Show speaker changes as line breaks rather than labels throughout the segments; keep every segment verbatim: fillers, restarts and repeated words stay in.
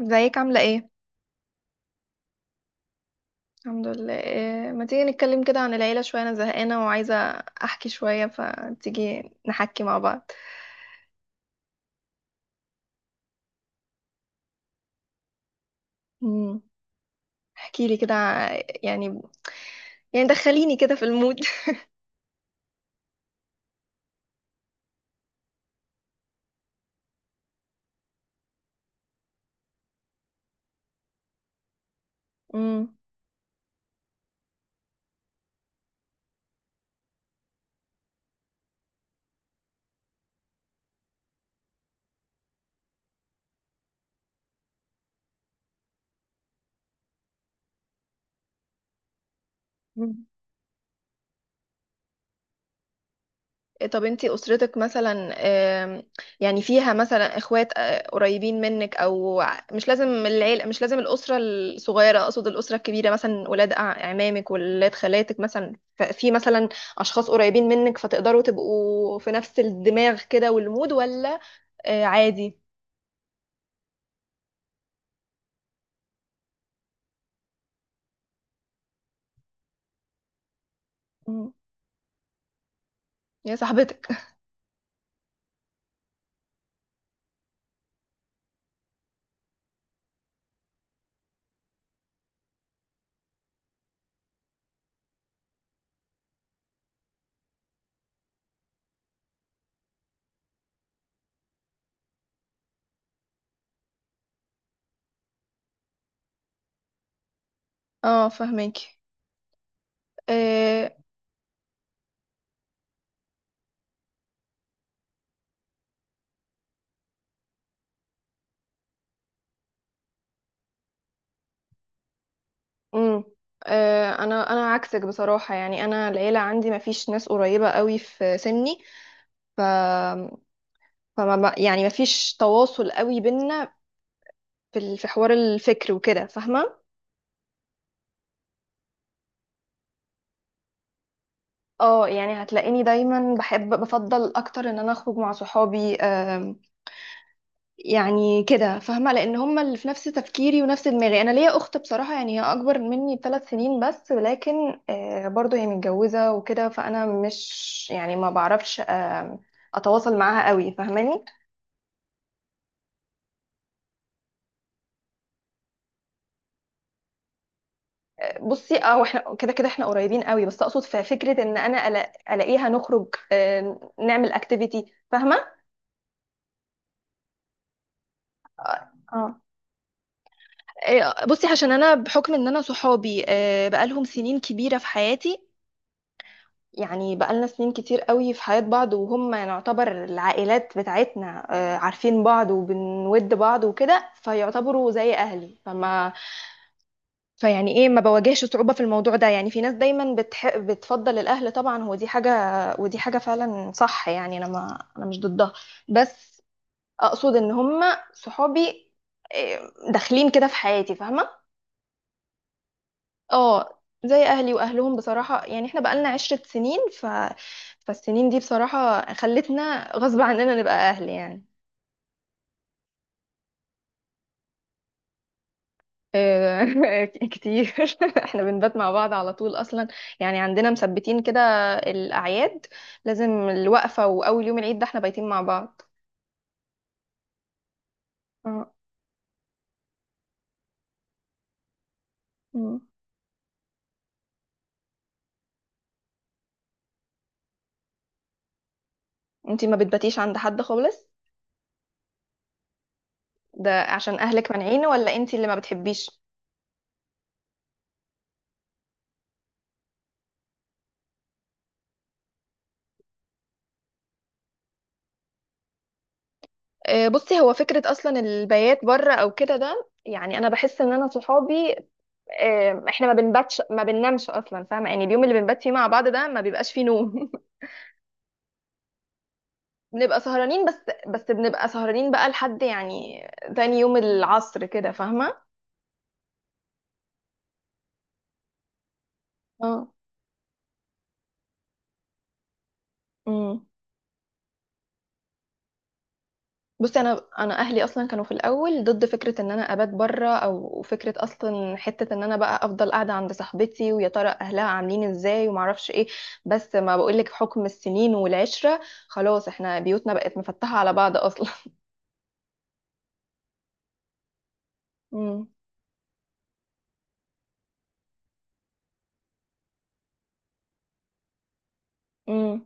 ازيك عاملة ايه؟ الحمد لله. إيه، ما تيجي نتكلم كده عن العيلة شوية؟ انا زهقانة وعايزة احكي شوية، فتيجي نحكي مع بعض. امم احكي لي كده، ع- يعني، يعني دخليني كده في المود. امم إيه، طب انتي أسرتك مثلا، آم، يعني فيها مثلا اخوات آه، قريبين منك، او ع- مش لازم العيلة، مش لازم الأسرة الصغيرة، اقصد الأسرة الكبيرة، مثلا ولاد أع- عمامك، ولاد خالاتك مثلا، ف- في مثلا أشخاص قريبين منك، فتقدروا تبقوا في نفس الدماغ كده والمود، ولا؟ آه، عادي. مم. يا صاحبتك. اه، فهماكي. آه. امم آه، انا انا عكسك بصراحه، يعني انا العيله عندي ما فيش ناس قريبه قوي في سني، ف فما ما- يعني مفيش تواصل قوي بينا في ال- في حوار الفكر وكده، فاهمة؟ اه، يعني هتلاقيني دايما بحب، بفضل اكتر ان انا اخرج مع صحابي. آم، يعني كده، فاهمة؟ لان هم اللي في نفس تفكيري ونفس دماغي. انا ليا اخت بصراحة، يعني هي اكبر مني بثلاث سنين بس، ولكن آه، برضو هي متجوزة وكده، فانا مش يعني ما بعرفش آم، اتواصل معاها قوي، فاهماني؟ بصي اه، واحنا كده كده احنا قريبين قوي، بس اقصد في فكره ان انا ألا- الاقيها، نخرج، آه، نعمل اكتيفيتي، فاهمه؟ اه. آه، بصي، عشان انا بحكم ان انا صحابي آه، بقالهم سنين كبيره في حياتي، يعني بقالنا سنين كتير قوي في حياه بعض، وهم نعتبر العائلات بتاعتنا. آه، عارفين بعض وبنود بعض وكده، فيعتبروا زي اهلي. فما فيعني ايه، ما بواجهش صعوبة في الموضوع ده. يعني في ناس دايما بتح... بتفضل الاهل، طبعا هو دي حاجة، ودي حاجة فعلا صح. يعني انا، ما انا مش ضدها، بس اقصد ان هم صحابي، إيه، داخلين كده في حياتي، فاهمة؟ اه، زي اهلي واهلهم بصراحة، يعني احنا بقالنا عشرة سنين، ف... فالسنين دي بصراحة خلتنا غصب عننا نبقى اهل، يعني، آه. كتير. احنا بنبات مع بعض على طول اصلا. يعني عندنا مثبتين كده، الاعياد لازم، الوقفه واول يوم العيد ده احنا بايتين مع بعض. اه. مم. انتي ما بتباتيش عند حد خالص؟ ده عشان اهلك مانعين ولا انتي اللي ما بتحبيش؟ آه، بصي، هو فكره اصلا البيات بره او كده ده، يعني انا بحس ان انا صحابي آه، احنا ما بنباتش، ما بننامش اصلا، فاهمه؟ يعني اليوم اللي بنبات فيه مع بعض ده ما بيبقاش فيه نوم. بنبقى سهرانين بس بس بنبقى سهرانين بقى لحد يعني تاني يوم العصر كده، فاهمة؟ اه. امم بصي، انا انا اهلي اصلا كانوا في الاول ضد فكره ان انا ابات بره، او فكره اصلا حته ان انا بقى افضل قاعده عند صاحبتي، ويا ترى اهلها عاملين ازاي، وما اعرفش ايه. بس ما بقولك، حكم السنين والعشره، خلاص احنا بيوتنا بقت مفتحه على بعض اصلا. امم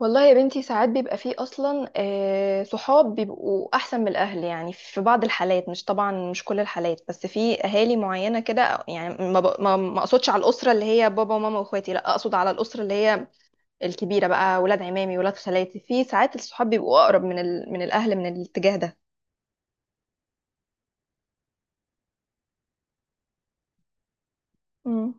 والله يا بنتي، ساعات بيبقى فيه اصلا آه، صحاب بيبقوا احسن من الاهل، يعني في بعض الحالات، مش طبعا مش كل الحالات، بس في اهالي معينه كده. يعني ما ب- ما ما اقصدش على الاسره اللي هي بابا وماما واخواتي، لا اقصد على الاسره اللي هي الكبيره بقى، ولاد عمامي ولاد خالاتي، في ساعات الصحاب بيبقوا اقرب من ال... من الاهل من الاتجاه ده. مم.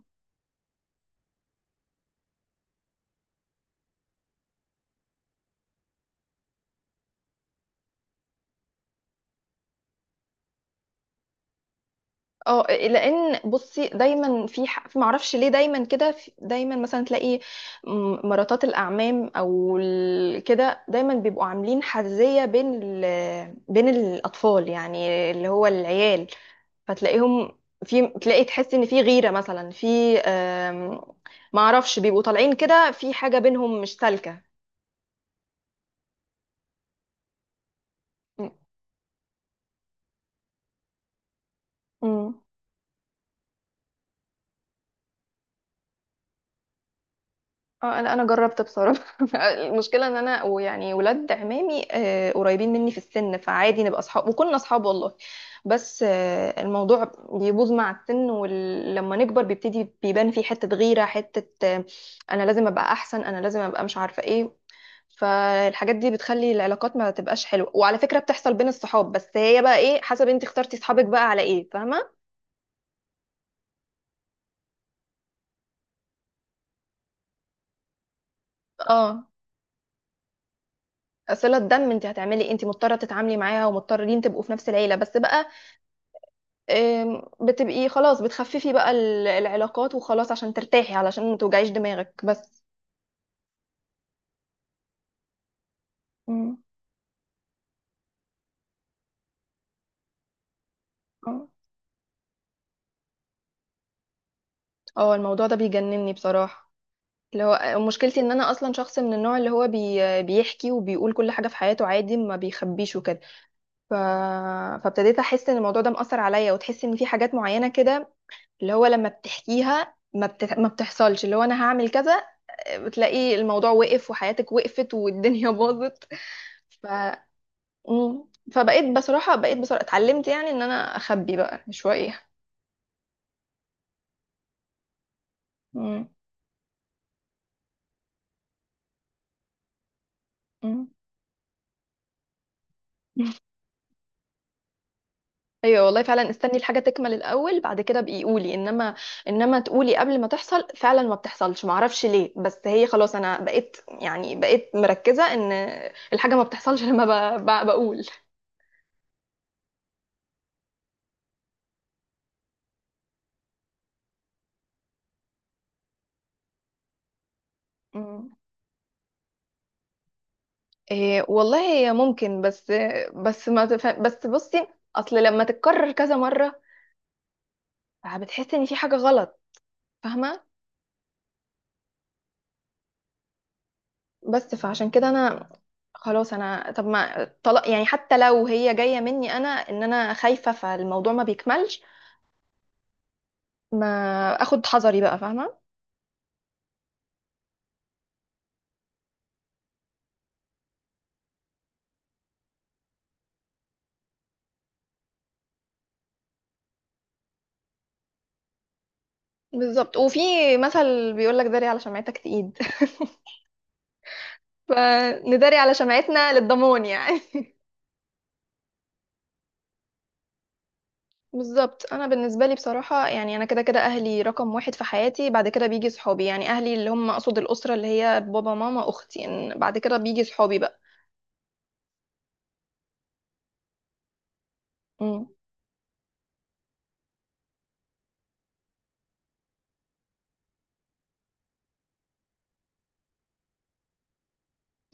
اه، لان بصي، دايما في ح... في، معرفش ليه، دايما كده في- دايما مثلا تلاقي م- مراتات الاعمام او ال- كده، دايما بيبقوا عاملين حزيه بين ال... بين الاطفال، يعني اللي هو العيال، فتلاقيهم، في، تلاقي تحس ان في غيره مثلا، في آم، معرفش، بيبقوا طالعين كده في حاجه بينهم مش سالكه. م- م. اه، انا انا جربت بصراحه. المشكله ان انا، ويعني ولاد عمامي آه، قريبين مني في السن، فعادي نبقى اصحاب، وكنا اصحاب والله. بس آه، الموضوع بيبوظ مع السن، ولما نكبر بيبتدي بيبان فيه حته غيره، حته آه، انا لازم ابقى احسن، انا لازم ابقى مش عارفه ايه. فالحاجات دي بتخلي العلاقات ما تبقاش حلوه، وعلى فكره بتحصل بين الصحاب بس، هي بقى ايه، حسب انت اخترتي صحابك بقى على ايه، فاهمه؟ اه، صله دم، انت هتعملي إيه؟ انت مضطره تتعاملي معاها، ومضطرين تبقوا في نفس العيله بس بقى، آم، بتبقي خلاص بتخففي بقى ال- العلاقات، وخلاص عشان ترتاحي، علشان ما توجعيش دماغك بس. مم. آه. اه، الموضوع ده بيجنني بصراحة، اللي هو مشكلتي ان انا اصلا شخص من النوع اللي هو بي... بيحكي وبيقول كل حاجة في حياته عادي، ما بيخبيش وكده. ف... فابتديت احس ان الموضوع ده مأثر عليا، وتحس ان في حاجات معينة كده، اللي هو لما بتحكيها ما, بت... ما بتحصلش، اللي هو انا هعمل كذا، بتلاقي الموضوع وقف وحياتك وقفت والدنيا باظت. ف مم. فبقيت بصراحة بقيت بصراحة اتعلمت، يعني ان انا اخبي بقى شوية. مم. مم. ايوه والله فعلا، استني الحاجة تكمل الاول، بعد كده بقي قولي. انما انما تقولي قبل ما تحصل، فعلا ما بتحصلش، معرفش ليه، بس هي خلاص، انا بقيت يعني بقيت مركزة ان الحاجة ما بتحصلش. لما ب- ب- بقول. مم. إيه والله، هي ممكن، بس. بس ما تف... بس بصي، اصل لما تتكرر كذا مرة بتحس ان في حاجة غلط، فاهمة؟ بس فعشان كده انا خلاص، انا طب ما طلاق يعني، حتى لو هي جايه مني انا، ان انا خايفه فالموضوع ما بيكملش، ما اخد حذري بقى، فاهمه؟ بالظبط. وفي مثل بيقول لك داري على شمعتك تقيد. فنداري على شمعتنا للضمان، يعني. بالظبط، انا بالنسبه لي بصراحه، يعني انا كده كده اهلي رقم واحد في حياتي، بعد كده بيجي صحابي. يعني اهلي اللي هم اقصد الاسره اللي هي بابا ماما اختي، إن بعد كده بيجي صحابي بقى. مم.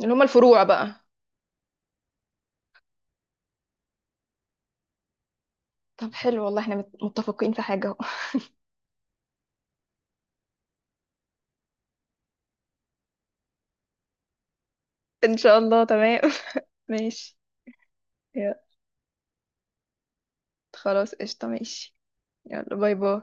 اللي هم الفروع بقى. طب حلو والله، احنا مت- متفقين في حاجه. ان شاء الله، تمام. ماشي. يلا، خلاص قشطة، ماشي. يلا باي باي.